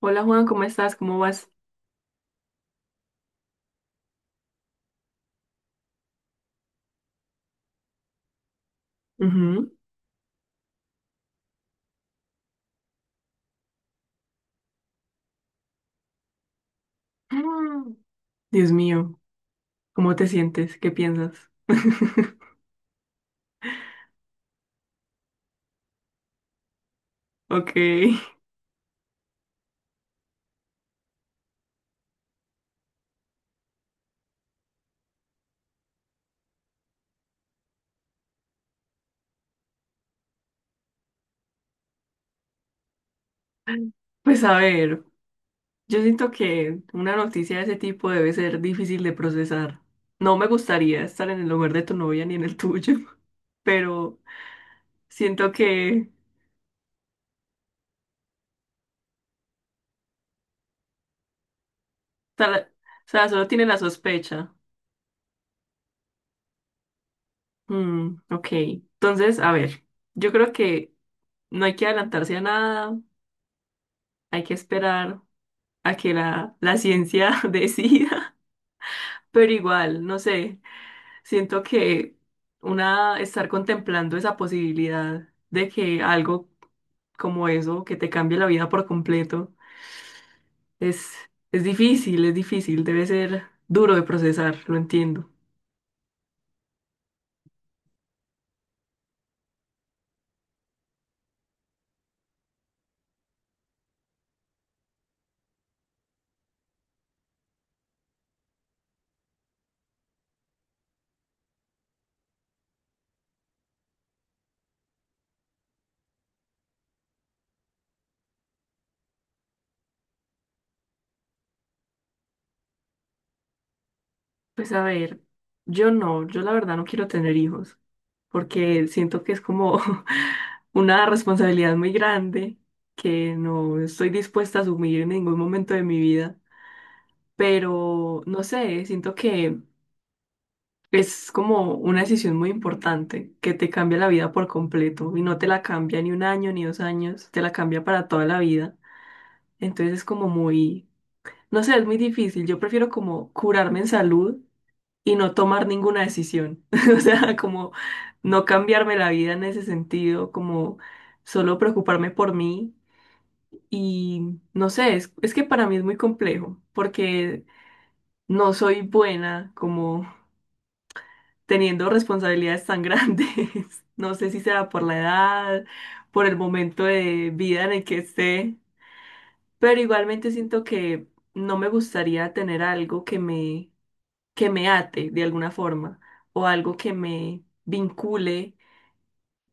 Hola Juan, ¿cómo estás? ¿Cómo vas? Ujú. Mm. Dios mío, ¿cómo te sientes? ¿Qué piensas? Ok, pues a ver, yo siento que una noticia de ese tipo debe ser difícil de procesar. No me gustaría estar en el lugar de tu novia ni en el tuyo, pero siento que, o sea, o sea, solo tiene la sospecha. Mm, ok, entonces, a ver, yo creo que no hay que adelantarse a nada, hay que esperar a que la ciencia decida, pero igual, no sé, siento que una estar contemplando esa posibilidad de que algo como eso, que te cambie la vida por completo, es, es difícil, debe ser duro de procesar, lo entiendo. Pues a ver, yo no, yo la verdad no quiero tener hijos, porque siento que es como una responsabilidad muy grande que no estoy dispuesta a asumir en ningún momento de mi vida. Pero no sé, siento que es como una decisión muy importante que te cambia la vida por completo y no te la cambia ni un año ni 2 años, te la cambia para toda la vida. Entonces es como muy, no sé, es muy difícil. Yo prefiero como curarme en salud y no tomar ninguna decisión. O sea, como no cambiarme la vida en ese sentido, como solo preocuparme por mí. Y no sé, es que para mí es muy complejo porque no soy buena como teniendo responsabilidades tan grandes. No sé si será por la edad, por el momento de vida en el que esté, pero igualmente siento que no me gustaría tener algo que me, ate de alguna forma o algo que me vincule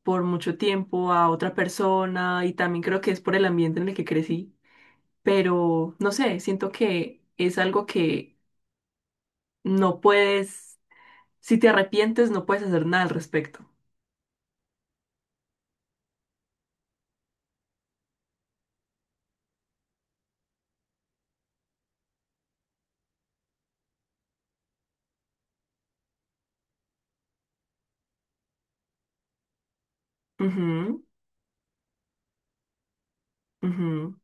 por mucho tiempo a otra persona, y también creo que es por el ambiente en el que crecí, pero no sé, siento que es algo que no puedes, si te arrepientes, no puedes hacer nada al respecto. Ujú, ujú.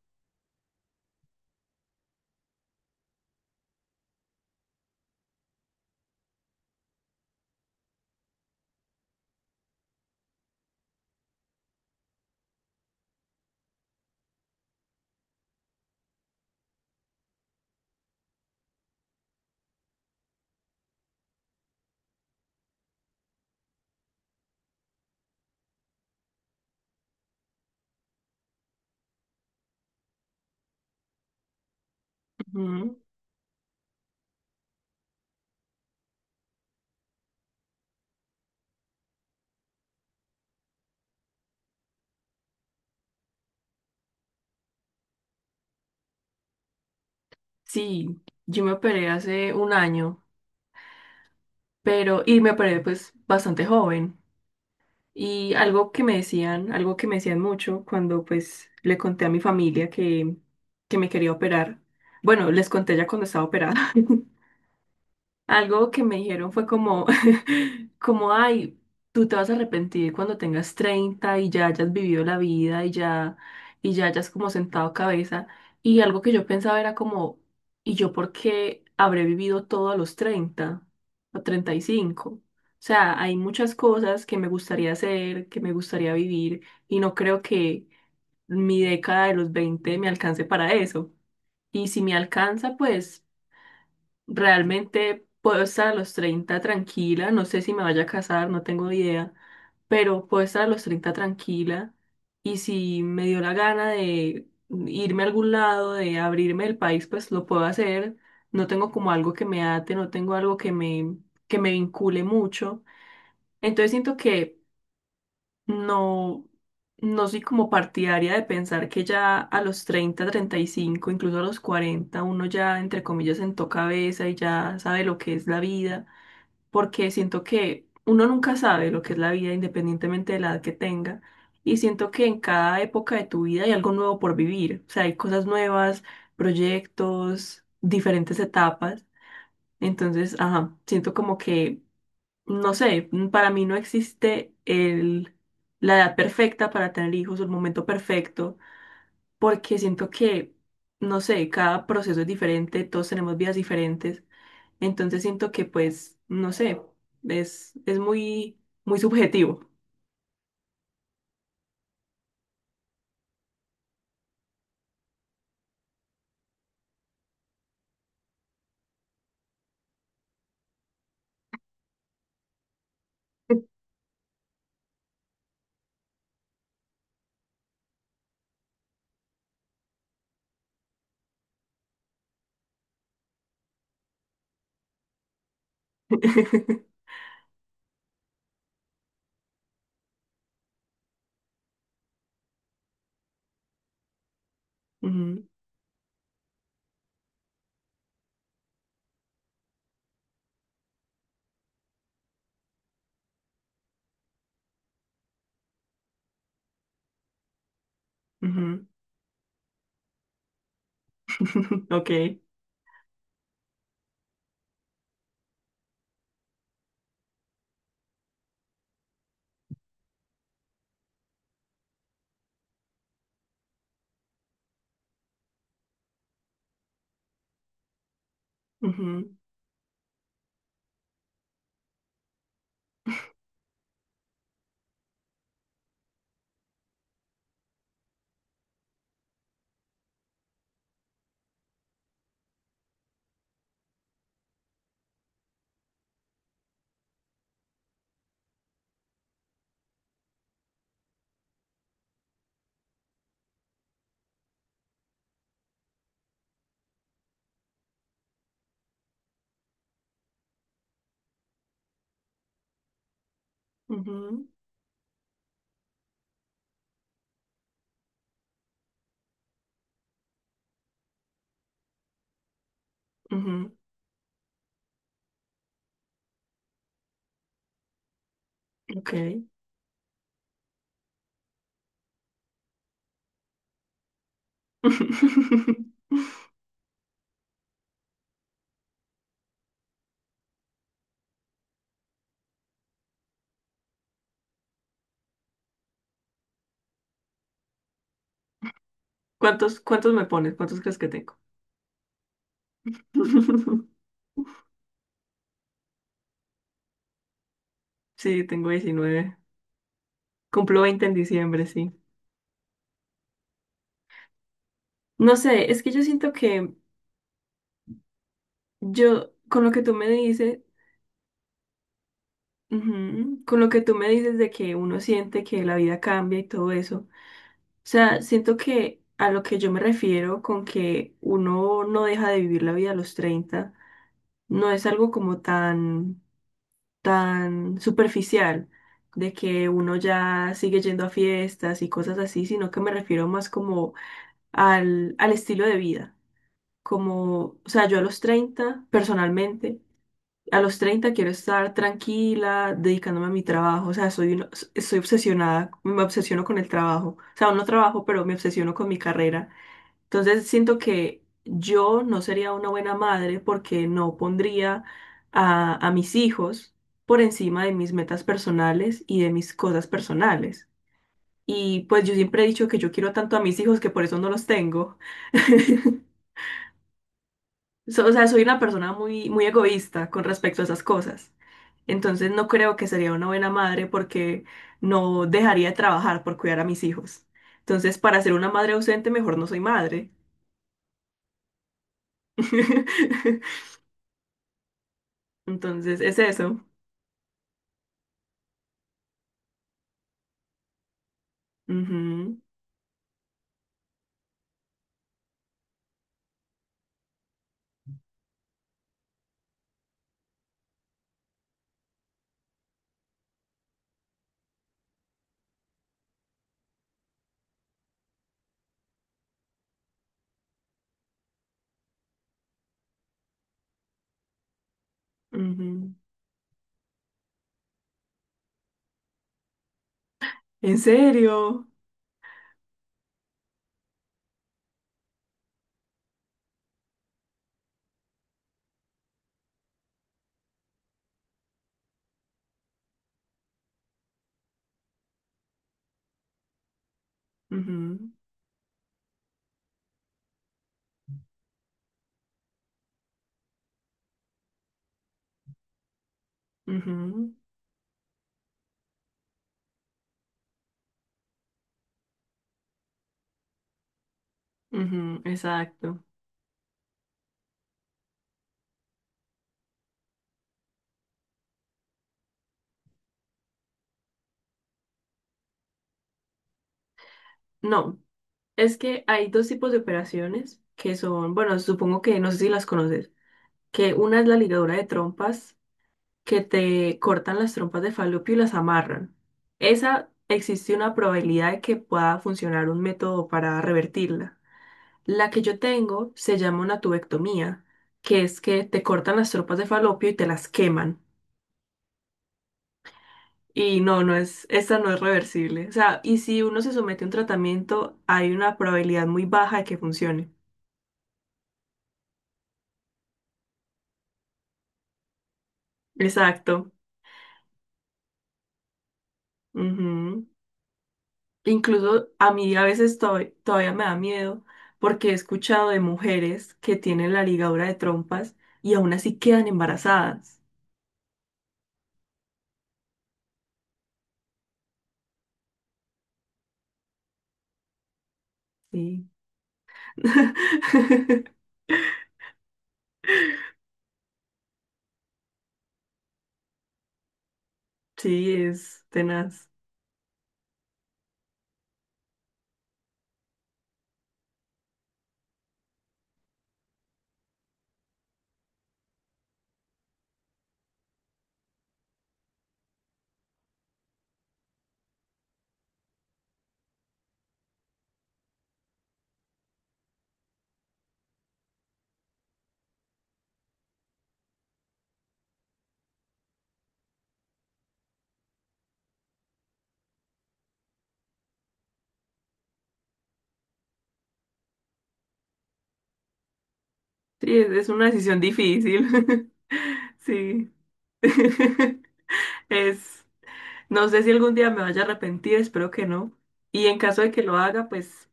Ujú. Sí, yo me operé hace un año, y me operé pues bastante joven. Y algo que me decían, algo que me decían mucho cuando pues le conté a mi familia que me quería operar. Bueno, les conté ya cuando estaba operada. Algo que me dijeron fue como, como, ay, tú te vas a arrepentir cuando tengas 30 y ya hayas vivido la vida, y ya hayas como sentado cabeza. Y algo que yo pensaba era como, ¿y yo por qué habré vivido todo a los 30 o 35? O sea, hay muchas cosas que me gustaría hacer, que me gustaría vivir, y no creo que mi década de los 20 me alcance para eso. Y si me alcanza, pues. Realmente puedo estar a los 30 tranquila, no sé si me vaya a casar, no tengo idea, pero puedo estar a los 30 tranquila, y si me dio la gana de irme a algún lado, de abrirme el país, pues lo puedo hacer. No tengo como algo que me ate, no tengo algo que me, vincule mucho. Entonces siento que no, no soy como partidaria de pensar que ya a los 30, 35, incluso a los 40, uno ya, entre comillas, sentó cabeza y ya sabe lo que es la vida, porque siento que uno nunca sabe lo que es la vida independientemente de la edad que tenga. Y siento que en cada época de tu vida hay algo nuevo por vivir, o sea, hay cosas nuevas, proyectos, diferentes etapas. Entonces, ajá, siento como que no sé, para mí no existe la edad perfecta para tener hijos o el momento perfecto, porque siento que, no sé, cada proceso es diferente, todos tenemos vidas diferentes, entonces siento que pues, no sé, es muy, muy subjetivo. Ujú, ujú, ok. Ujú, ujú, ujú, ok. ¿Cuántos me pones? ¿Cuántos crees que tengo? Sí, tengo 19. Cumplo 20 en diciembre, sí. No sé, es que yo siento que yo, con lo que tú me dices, ujú, con lo que tú me dices de que uno siente que la vida cambia y todo eso, o sea, siento que a lo que yo me refiero con que uno no deja de vivir la vida a los 30 no es algo como tan, tan superficial, de que uno ya sigue yendo a fiestas y cosas así, sino que me refiero más como al estilo de vida. Como, o sea, yo a los 30 personalmente, a los 30 quiero estar tranquila, dedicándome a mi trabajo, o sea, soy obsesionada, me obsesiono con el trabajo, o sea, aún no trabajo, pero me obsesiono con mi carrera. Entonces siento que yo no sería una buena madre porque no pondría a mis hijos por encima de mis metas personales y de mis cosas personales. Y pues yo siempre he dicho que yo quiero tanto a mis hijos que por eso no los tengo. O sea, soy una persona muy, muy egoísta con respecto a esas cosas. Entonces no creo que sería una buena madre porque no dejaría de trabajar por cuidar a mis hijos. Entonces, para ser una madre ausente, mejor no soy madre. Entonces, es eso. Ujú, ujú. ¿En serio? Ujú, ujú, ujú, exacto. No, es que hay dos tipos de operaciones que son, bueno, supongo que no sé si las conoces, que una es la ligadura de trompas, que te cortan las trompas de Falopio y las amarran. Esa existe una probabilidad de que pueda funcionar un método para revertirla. La que yo tengo se llama una tubectomía, que es que te cortan las trompas de Falopio y te las queman. Y no, no es, esta no es reversible. O sea, y si uno se somete a un tratamiento, hay una probabilidad muy baja de que funcione. Exacto. Ujú. Incluso a mí a veces todavía me da miedo, porque he escuchado de mujeres que tienen la ligadura de trompas y aún así quedan embarazadas. Sí. Sí, es tenaz. Sí, es una decisión difícil. Sí. Es, no sé si algún día me vaya a arrepentir, espero que no. Y en caso de que lo haga, pues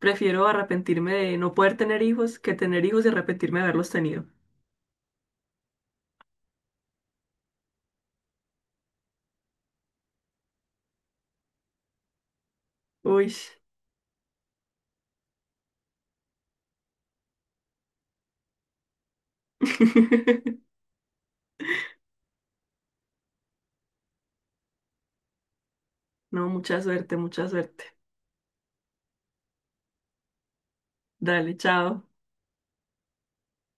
prefiero arrepentirme de no poder tener hijos que tener hijos y arrepentirme de haberlos tenido. Uy. No, mucha suerte, mucha suerte. Dale, chao.